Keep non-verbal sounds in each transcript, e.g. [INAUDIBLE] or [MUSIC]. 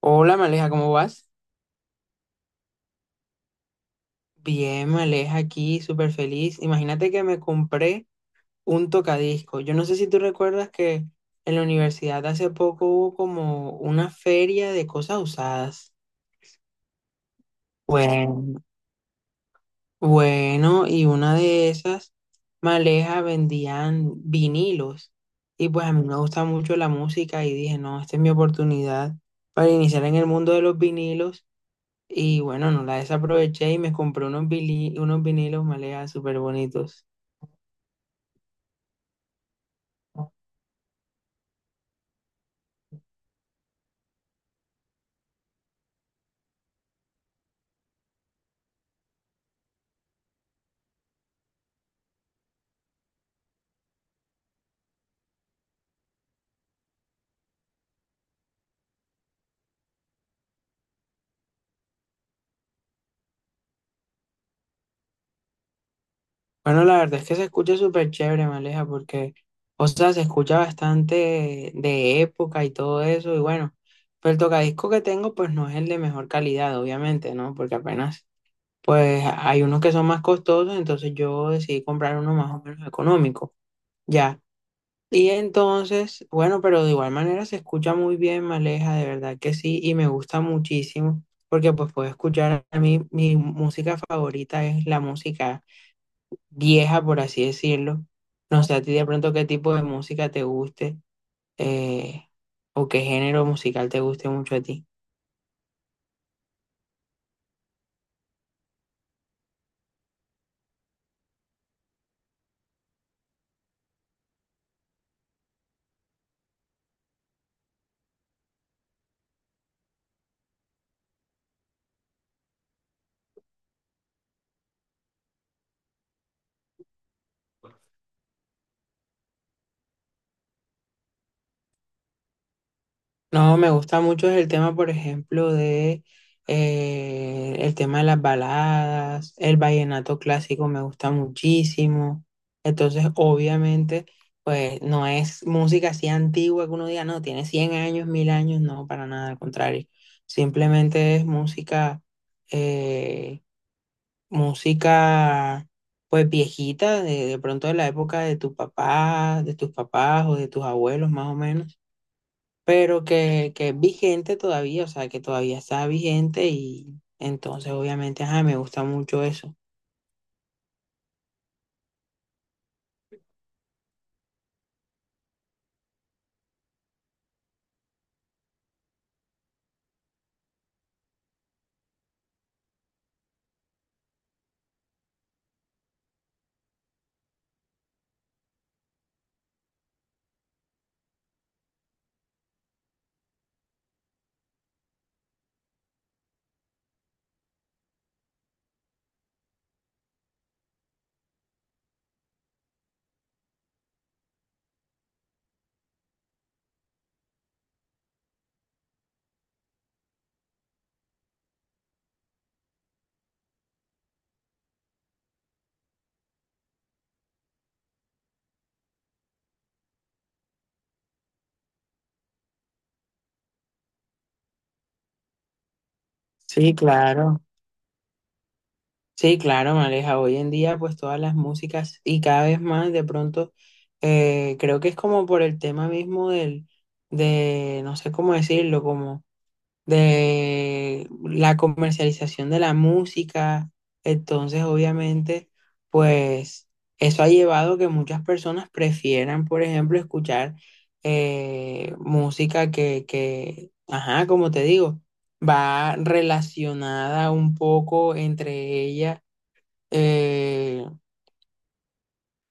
Hola, Maleja, ¿cómo vas? Bien, Maleja, aquí súper feliz. Imagínate que me compré un tocadisco. Yo no sé si tú recuerdas que en la universidad hace poco hubo como una feria de cosas usadas. Bueno, bueno, y una de esas, Maleja, vendían vinilos. Y pues a mí me gusta mucho la música y dije, no, esta es mi oportunidad para iniciar en el mundo de los vinilos. Y bueno, no la desaproveché y me compré unos vinilos, Maleja, súper bonitos. Bueno, la verdad es que se escucha súper chévere, Maleja, porque, o sea, se escucha bastante de época y todo eso. Y bueno, pero el tocadisco que tengo, pues no es el de mejor calidad, obviamente, ¿no? Porque apenas, pues hay unos que son más costosos, entonces yo decidí comprar uno más o menos económico. Ya. Y entonces, bueno, pero de igual manera se escucha muy bien, Maleja, de verdad que sí, y me gusta muchísimo, porque pues puedo escuchar a mí, mi música favorita es la música vieja, por así decirlo. No sé a ti de pronto qué tipo de música te guste, eh, o qué género musical te guste mucho a ti. No, me gusta mucho el tema, por ejemplo, de el tema de las baladas, el vallenato clásico me gusta muchísimo. Entonces, obviamente, pues no es música así antigua que uno diga, no, tiene 100 años, 1000 años, no, para nada, al contrario. Simplemente es eh, música, pues viejita, de pronto de la época de tu papá, de tus papás o de tus abuelos, más o menos pero que es vigente todavía, o sea, que todavía está vigente y entonces obviamente, ajá, me gusta mucho eso. Sí, claro. Sí, claro, Maleja. Hoy en día, pues todas las músicas y cada vez más, de pronto, creo que es como por el tema mismo del, no sé cómo decirlo, como... de la comercialización de la música. Entonces, obviamente, pues eso ha llevado a que muchas personas prefieran, por ejemplo, escuchar música que, ajá, como te digo, va relacionada un poco entre ella. eh,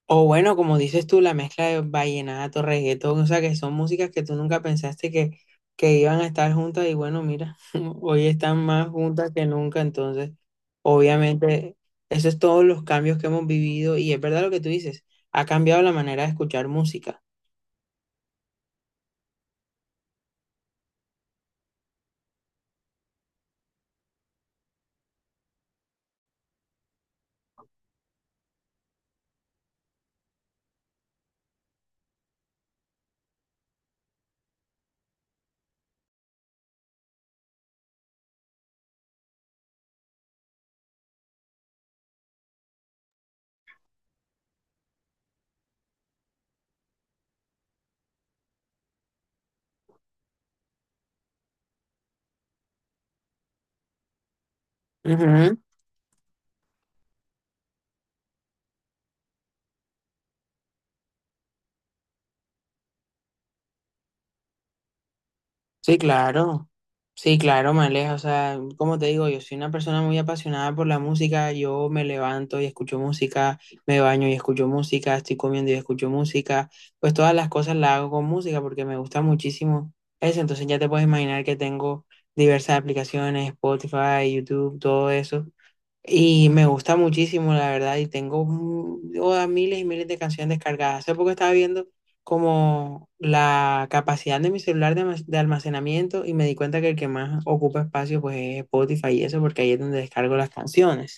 o bueno, como dices tú, la mezcla de vallenato, reggaetón, o sea, que son músicas que tú nunca pensaste que iban a estar juntas y bueno, mira, [LAUGHS] hoy están más juntas que nunca, entonces, obviamente, eso es todos los cambios que hemos vivido y es verdad lo que tú dices, ha cambiado la manera de escuchar música. Ujú. Sí, claro. Sí, claro, Maleja. O sea, como te digo, yo soy una persona muy apasionada por la música. Yo me levanto y escucho música, me baño y escucho música, estoy comiendo y escucho música. Pues todas las cosas las hago con música porque me gusta muchísimo eso. Entonces ya te puedes imaginar que tengo diversas aplicaciones, Spotify, YouTube, todo eso. Y me gusta muchísimo, la verdad, y tengo miles y miles de canciones descargadas. Hace poco estaba viendo como la capacidad de mi celular de almacenamiento y me di cuenta que el que más ocupa espacio pues es Spotify y eso, porque ahí es donde descargo las canciones.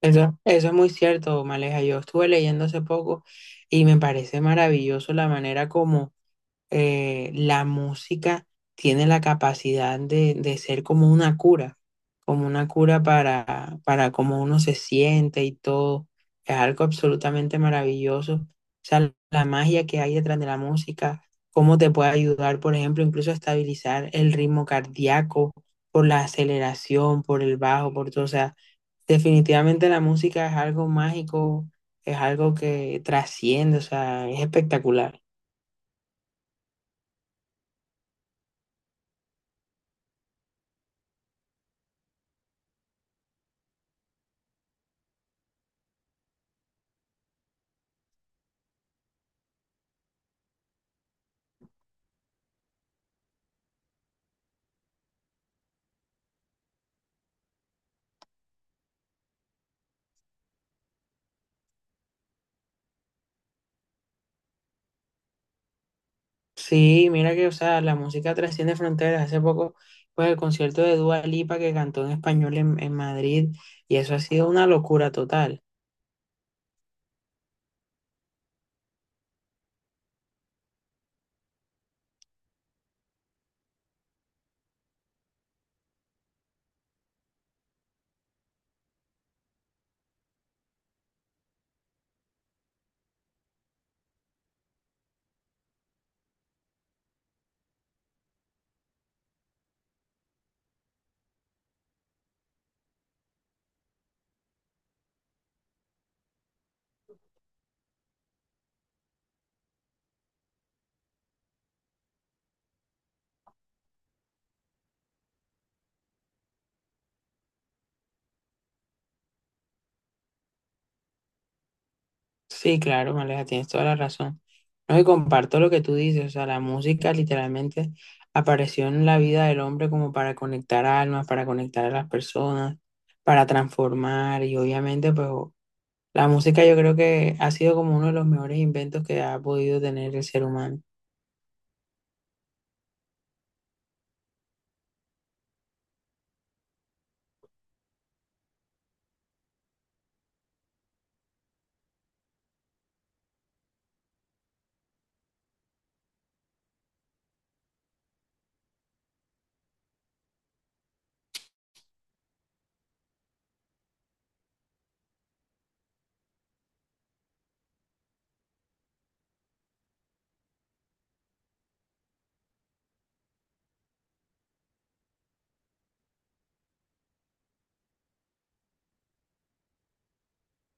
Eso es muy cierto, Maleja. Yo estuve leyendo hace poco y me parece maravilloso la manera como la música tiene la capacidad de ser como una cura para cómo uno se siente y todo. Es algo absolutamente maravilloso. O sea, la magia que hay detrás de la música, cómo te puede ayudar, por ejemplo, incluso a estabilizar el ritmo cardíaco por la aceleración, por el bajo, por todo. O sea, definitivamente la música es algo mágico, es algo que trasciende, o sea, es espectacular. Sí, mira que, o sea, la música trasciende fronteras. Hace poco, pues el concierto de Dua Lipa que cantó en español en Madrid, y eso ha sido una locura total. Sí, claro, Maleja, tienes toda la razón. No, y comparto lo que tú dices, o sea, la música literalmente apareció en la vida del hombre como para conectar almas, para conectar a las personas, para transformar, y obviamente, la música yo creo que ha sido como uno de los mejores inventos que ha podido tener el ser humano.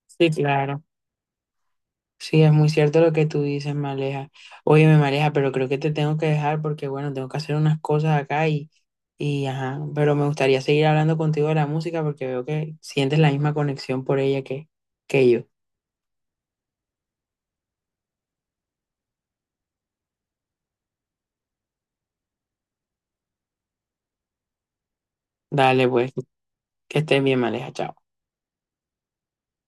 Sí, claro. Sí, es muy cierto lo que tú dices, Maleja. Oye, me Maleja, pero creo que te tengo que dejar porque, bueno, tengo que hacer unas cosas acá y, ajá, pero me gustaría seguir hablando contigo de la música porque veo que sientes la misma conexión por ella que yo. Dale, pues, que estés bien, Maleja, chao.